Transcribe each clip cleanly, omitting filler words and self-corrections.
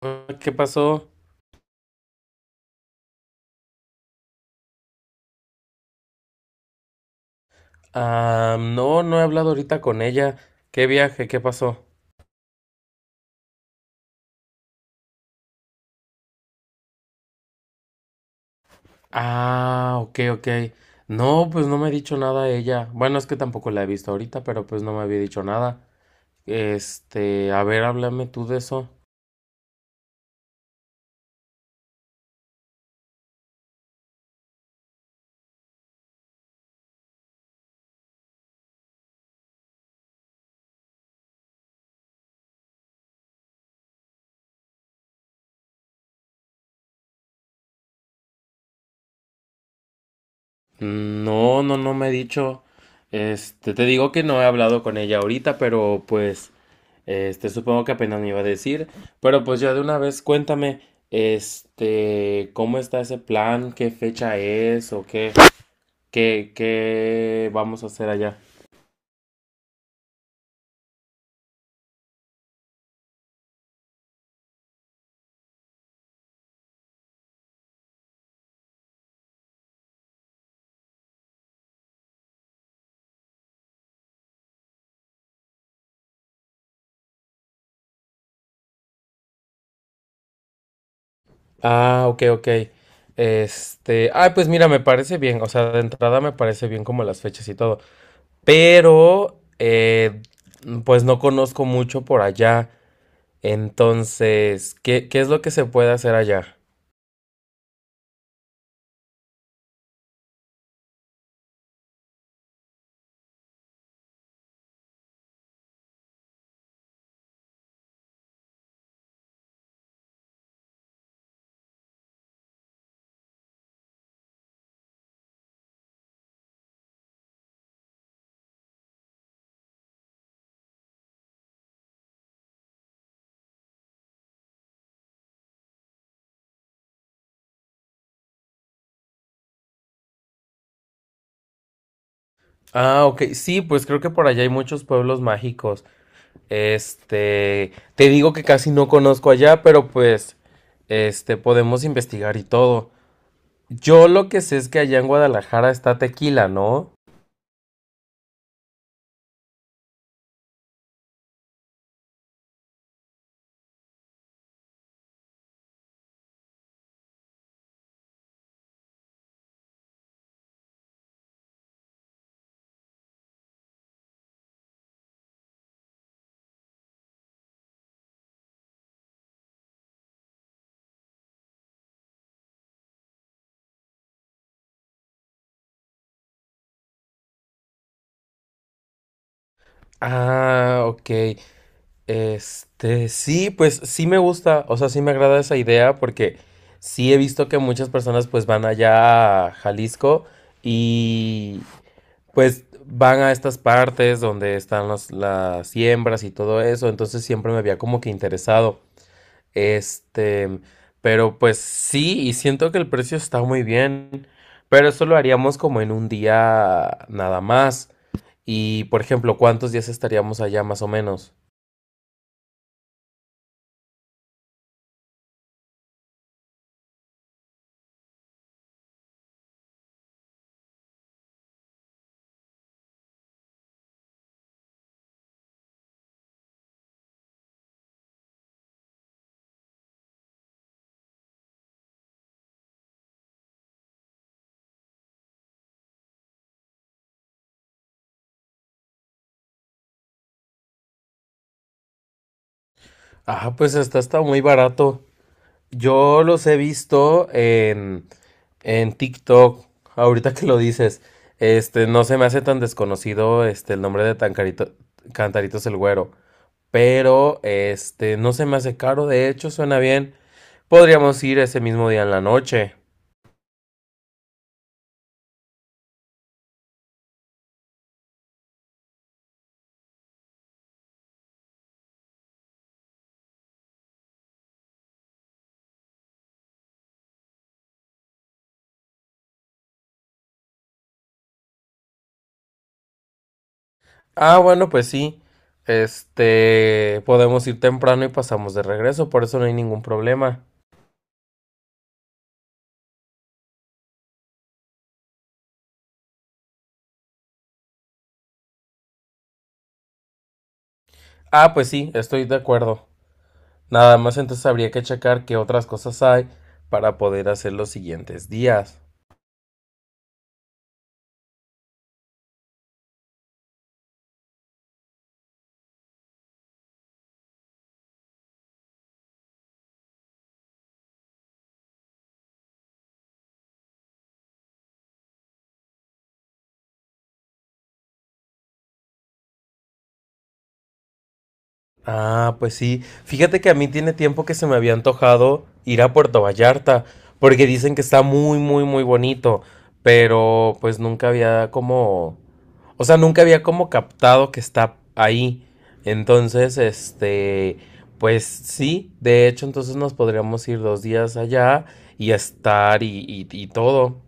Hola, ¿qué pasó? Ah, no, no he hablado ahorita con ella. ¿Qué viaje? ¿Qué pasó? Ah, ok, ok. No, pues no me ha dicho nada ella. Bueno, es que tampoco la he visto ahorita, pero pues no me había dicho nada. A ver, háblame tú de eso. No, no, no me ha dicho. Te digo que no he hablado con ella ahorita, pero pues, supongo que apenas me iba a decir. Pero pues ya de una vez, cuéntame, ¿cómo está ese plan? ¿Qué fecha es o qué? ¿Qué vamos a hacer allá? Ah, ok, ok. Pues mira, me parece bien, o sea, de entrada me parece bien como las fechas y todo, pero, pues no conozco mucho por allá, entonces, ¿qué es lo que se puede hacer allá? Ah, ok, sí, pues creo que por allá hay muchos pueblos mágicos, te digo que casi no conozco allá, pero pues, podemos investigar y todo. Yo lo que sé es que allá en Guadalajara está Tequila, ¿no? Ah, ok. Sí, pues sí me gusta, o sea, sí me agrada esa idea porque sí he visto que muchas personas pues van allá a Jalisco y pues van a estas partes donde están las siembras y todo eso, entonces siempre me había como que interesado. Este, pero pues sí, y siento que el precio está muy bien, pero eso lo haríamos como en un día nada más. Y por ejemplo, ¿cuántos días estaríamos allá más o menos? Ah, pues está, está muy barato. Yo los he visto en TikTok, ahorita que lo dices. No se me hace tan desconocido este, el nombre de Tancarito, Cantaritos el Güero. Pero, no se me hace caro, de hecho, suena bien. Podríamos ir ese mismo día en la noche. Ah, bueno, pues sí. Podemos ir temprano y pasamos de regreso, por eso no hay ningún problema. Ah, pues sí, estoy de acuerdo. Nada más entonces habría que checar qué otras cosas hay para poder hacer los siguientes días. Ah, pues sí. Fíjate que a mí tiene tiempo que se me había antojado ir a Puerto Vallarta, porque dicen que está muy, muy, muy bonito, pero pues nunca había como, o sea, nunca había como captado que está ahí. Entonces, pues sí, de hecho, entonces nos podríamos ir dos días allá y estar y todo.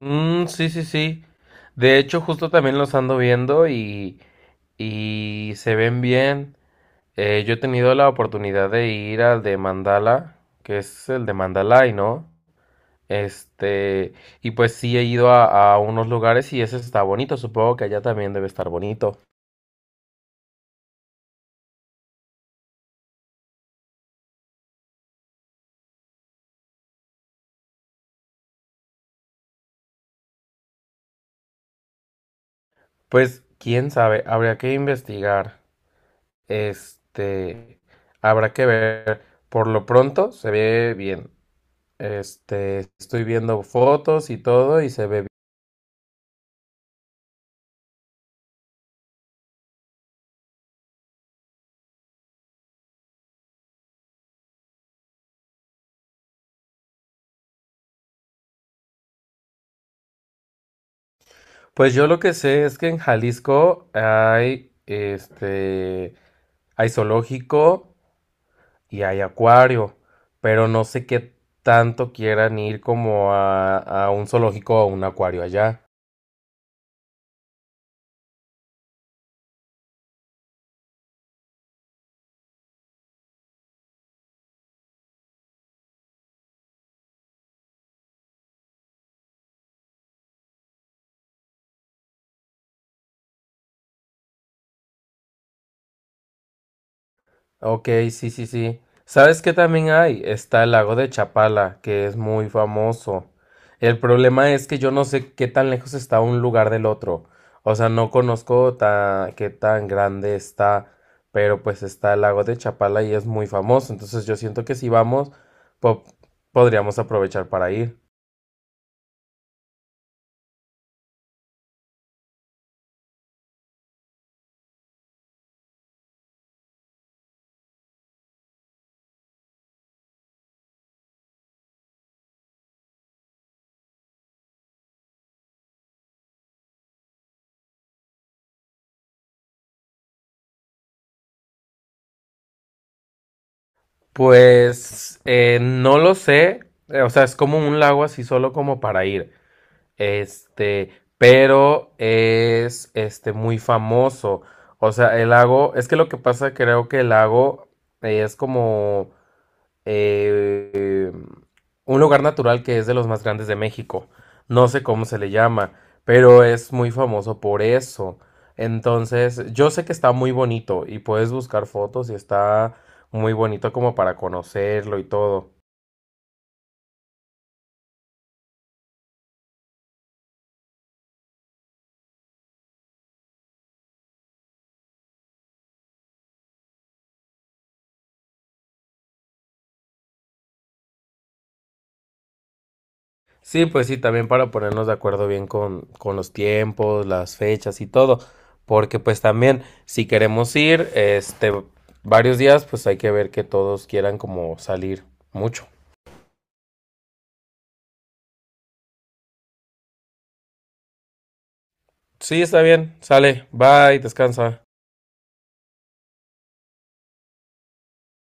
Mm, sí, sí, sí. De hecho, justo también los ando viendo y se ven bien. Yo he tenido la oportunidad de ir al de Mandala, que es el de Mandalay, ¿no? Este, y pues sí he ido a unos lugares y ese está bonito, supongo que allá también debe estar bonito. Pues quién sabe, habría que investigar. Este, Habrá que ver. Por lo pronto se ve bien. Estoy viendo fotos y todo y se ve bien. Pues yo lo que sé es que en Jalisco hay, hay zoológico, y hay acuario, pero no sé qué tanto quieran ir como a un zoológico o a un acuario allá. Ok, sí, sí, sí. ¿Sabes qué también hay? Está el lago de Chapala, que es muy famoso. El problema es que yo no sé qué tan lejos está un lugar del otro. O sea, no conozco ta- qué tan grande está, pero pues está el lago de Chapala y es muy famoso. Entonces yo siento que si vamos, po- podríamos aprovechar para ir. Pues no lo sé, o sea, es como un lago así solo como para ir, este, pero es este muy famoso, o sea, el lago, es que lo que pasa creo que el lago es como eh, un lugar natural que es de los más grandes de México. No sé cómo se le llama, pero es muy famoso por eso. Entonces, yo sé que está muy bonito y puedes buscar fotos y está muy bonito como para conocerlo y todo. Sí, pues sí, también para ponernos de acuerdo bien con los tiempos, las fechas y todo. Porque pues también, si queremos ir, varios días, pues hay que ver que todos quieran como salir mucho. Sí, está bien. Sale. Bye. Descansa.